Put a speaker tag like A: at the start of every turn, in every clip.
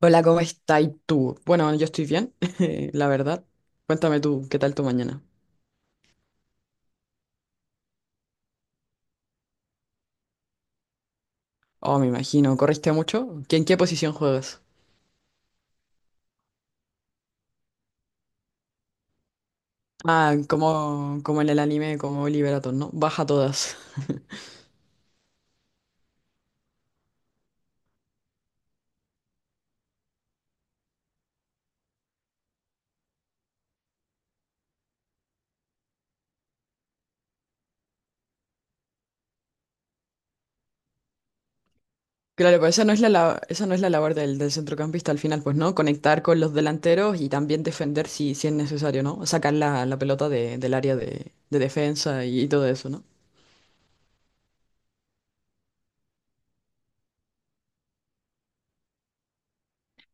A: Hola, ¿cómo estás tú? Bueno, yo estoy bien, la verdad. Cuéntame tú, ¿qué tal tu mañana? Oh, me imagino, ¿corriste mucho? ¿En qué posición juegas? Ah, como en el anime, como Liberator, ¿no? Baja todas. Claro, pero esa no es esa no es la labor del centrocampista al final, pues, ¿no? Conectar con los delanteros y también defender si es necesario, ¿no? Sacar la pelota del área de defensa y todo eso, ¿no?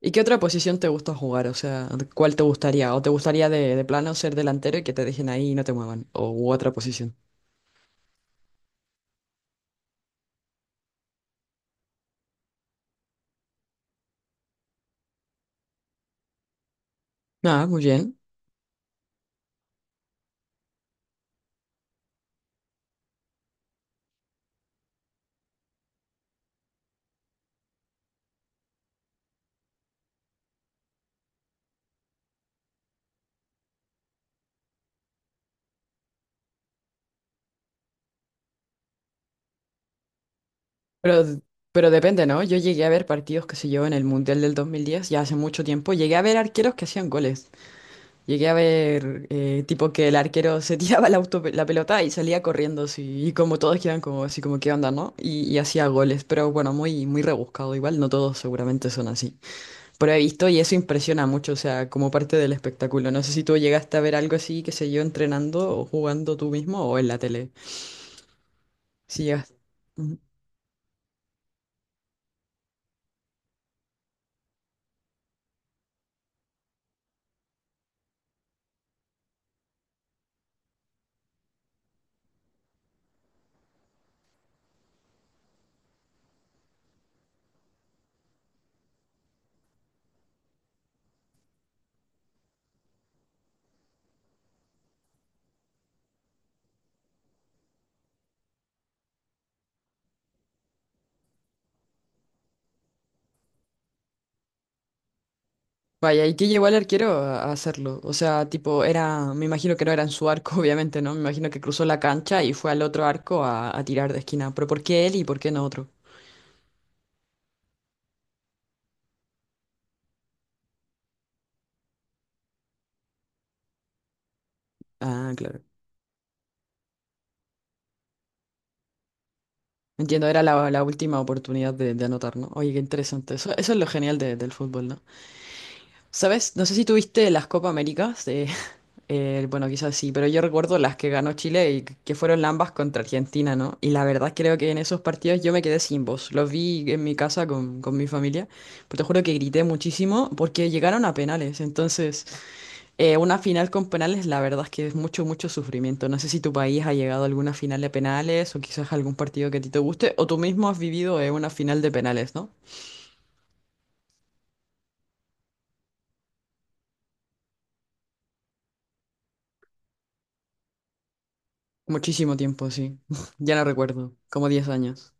A: ¿Y qué otra posición te gusta jugar? O sea, ¿cuál te gustaría? ¿O te gustaría de plano ser delantero y que te dejen ahí y no te muevan? ¿O u otra posición? Ah, muy bien. Pero, pero depende, ¿no? Yo llegué a ver partidos, que sé yo, en el Mundial del 2010, ya hace mucho tiempo. Llegué a ver arqueros que hacían goles. Llegué a ver, tipo, que el arquero se tiraba la, auto- la pelota y salía corriendo, así, y como todos quedan como, así como, ¿qué onda, no? Y hacía goles, pero bueno, muy, muy rebuscado. Igual no todos seguramente son así. Pero he visto y eso impresiona mucho, o sea, como parte del espectáculo. No sé si tú llegaste a ver algo así, que se yo, entrenando o jugando tú mismo o en la tele. Si llegas. Ujú. Vaya, ¿y qué llevó al arquero a hacerlo? O sea, tipo, era, me imagino que no era en su arco, obviamente, ¿no? Me imagino que cruzó la cancha y fue al otro arco a tirar de esquina. Pero ¿por qué él y por qué no otro? Ah, claro. Entiendo, era la última oportunidad de anotar, ¿no? Oye, qué interesante. Eso es lo genial del fútbol, ¿no? ¿Sabes? No sé si tuviste las Copa Américas bueno, quizás sí, pero yo recuerdo las que ganó Chile y que fueron ambas contra Argentina, ¿no? Y la verdad creo que en esos partidos yo me quedé sin voz. Los vi en mi casa con mi familia, pero te juro que grité muchísimo porque llegaron a penales. Entonces, una final con penales, la verdad es que es mucho, mucho sufrimiento. No sé si tu país ha llegado a alguna final de penales o quizás algún partido que a ti te guste o tú mismo has vivido una final de penales, ¿no? Muchísimo tiempo, sí. Ya no recuerdo, como 10 años.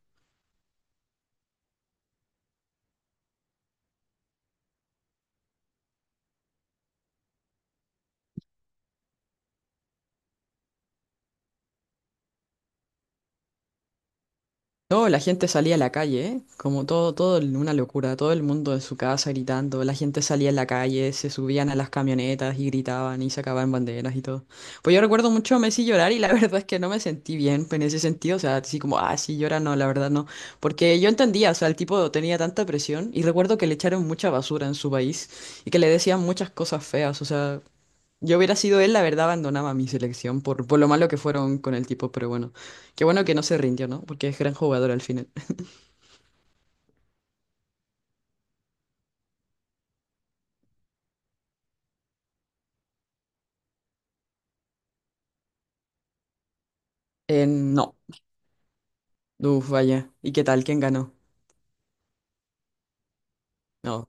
A: No, la gente salía a la calle, ¿eh? Como todo, una locura, todo el mundo en su casa gritando, la gente salía a la calle, se subían a las camionetas y gritaban y sacaban banderas y todo. Pues yo recuerdo mucho a Messi llorar y la verdad es que no me sentí bien en ese sentido, o sea, así como, ah, sí llora, no, la verdad no. Porque yo entendía, o sea, el tipo tenía tanta presión y recuerdo que le echaron mucha basura en su país y que le decían muchas cosas feas, o sea, yo hubiera sido él, la verdad, abandonaba mi selección por lo malo que fueron con el tipo, pero bueno, qué bueno que no se rindió, ¿no? Porque es gran jugador al final. No, uf, vaya. ¿Y qué tal? ¿Quién ganó? No,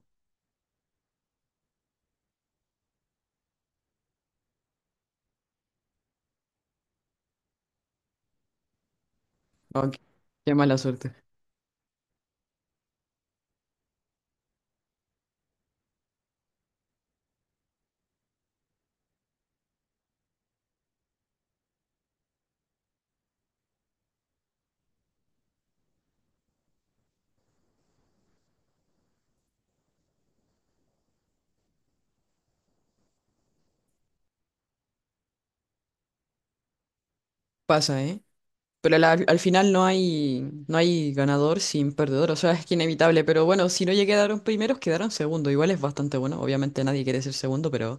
A: no, qué qué mala suerte. Pasa, ¿eh? Pero al final no hay, no hay ganador sin perdedor, o sea, es que inevitable, pero bueno, si no llegaron primeros, quedaron segundo, igual es bastante bueno, obviamente nadie quiere ser segundo, pero...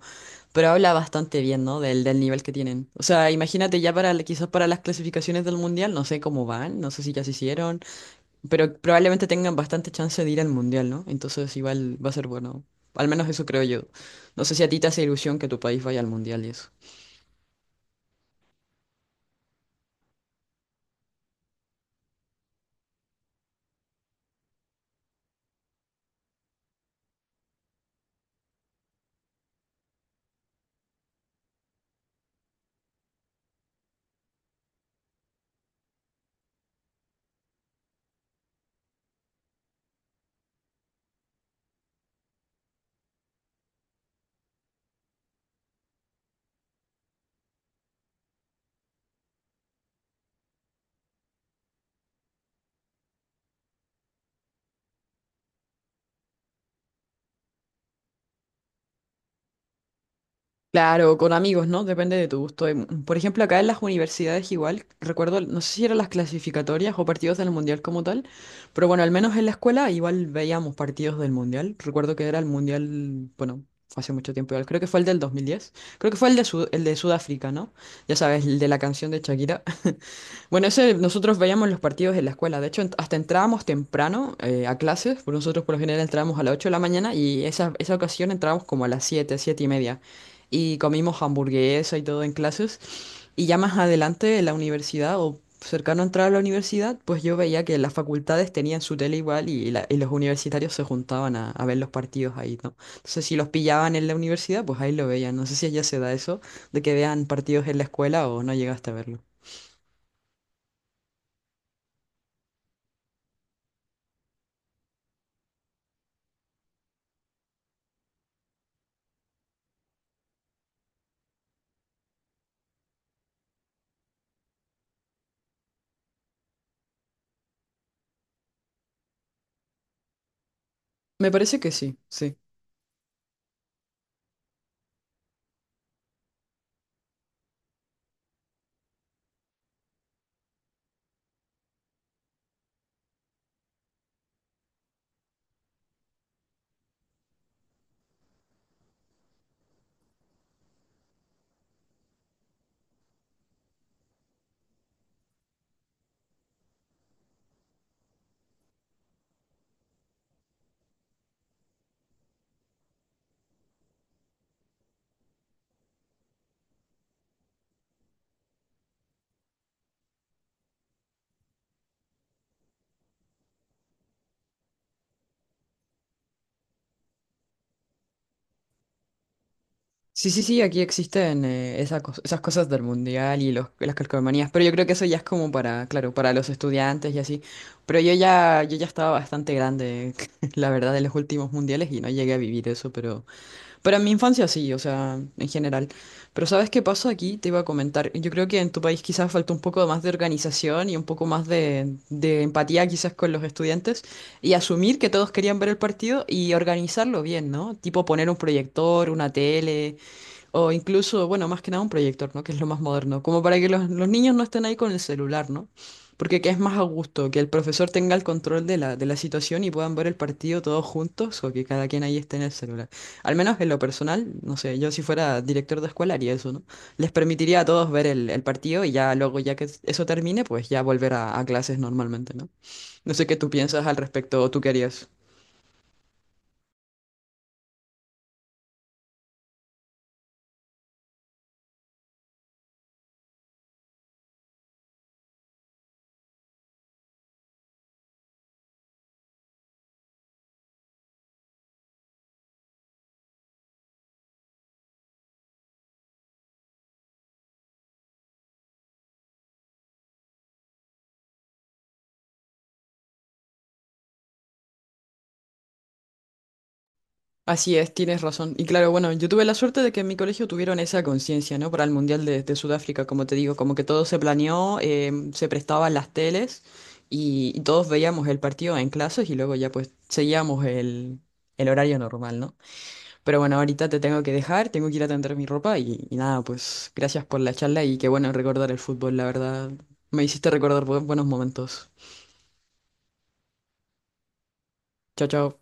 A: Pero habla bastante bien, ¿no? Del nivel que tienen. O sea, imagínate ya para quizás para las clasificaciones del mundial, no sé cómo van, no sé si ya se hicieron, pero probablemente tengan bastante chance de ir al mundial, ¿no? Entonces igual va a ser bueno. Al menos eso creo yo. No sé si a ti te hace ilusión que tu país vaya al mundial y eso. Claro, con amigos, ¿no? Depende de tu gusto. Por ejemplo, acá en las universidades igual, recuerdo, no sé si eran las clasificatorias o partidos del Mundial como tal, pero bueno, al menos en la escuela igual veíamos partidos del Mundial. Recuerdo que era el Mundial, bueno, fue hace mucho tiempo igual, creo que fue el del 2010, creo que fue el de, el de Sudáfrica, ¿no? Ya sabes, el de la canción de Shakira. Bueno, ese, nosotros veíamos los partidos en la escuela. De hecho, hasta entrábamos temprano a clases. Por nosotros, por lo general, entrábamos a las 8 de la mañana y esa ocasión entrábamos como a las 7, 7 y media. Y comimos hamburguesa y todo en clases. Y ya más adelante, en la universidad o cercano a entrar a la universidad, pues yo veía que las facultades tenían su tele igual y los universitarios se juntaban a ver los partidos ahí, ¿no? Entonces, si los pillaban en la universidad, pues ahí lo veían. No sé si allá se da eso de que vean partidos en la escuela o no llegaste a verlo. Me parece que sí, sí. Sí, sí, sí, aquí existen esa esas cosas del mundial y las calcomanías, pero yo creo que eso ya es como para, claro, para los estudiantes y así. Pero yo ya, yo ya estaba bastante grande, la verdad, en los últimos mundiales y no llegué a vivir eso, pero en mi infancia sí, o sea, en general. Pero ¿sabes qué pasó aquí? Te iba a comentar. Yo creo que en tu país quizás faltó un poco más de organización y un poco más de empatía quizás con los estudiantes y asumir que todos querían ver el partido y organizarlo bien, ¿no? Tipo poner un proyector, una tele. O incluso, bueno, más que nada un proyector, ¿no? Que es lo más moderno, como para que los niños no estén ahí con el celular, ¿no? Porque que es más a gusto, que el profesor tenga el control de de la situación y puedan ver el partido todos juntos o que cada quien ahí esté en el celular. Al menos en lo personal, no sé, yo si fuera director de escuela haría eso, ¿no? Les permitiría a todos ver el partido y ya luego, ya que eso termine, pues ya volver a clases normalmente, ¿no? No sé qué tú piensas al respecto o tú querías Así es, tienes razón. Y claro, bueno, yo tuve la suerte de que en mi colegio tuvieron esa conciencia, ¿no? Para el Mundial de Sudáfrica, como te digo, como que todo se planeó, se prestaban las teles y todos veíamos el partido en clases y luego ya pues seguíamos el horario normal, ¿no? Pero bueno, ahorita te tengo que dejar, tengo que ir a tender mi ropa y nada, pues gracias por la charla y qué bueno recordar el fútbol, la verdad. Me hiciste recordar buenos momentos. Chao, chao.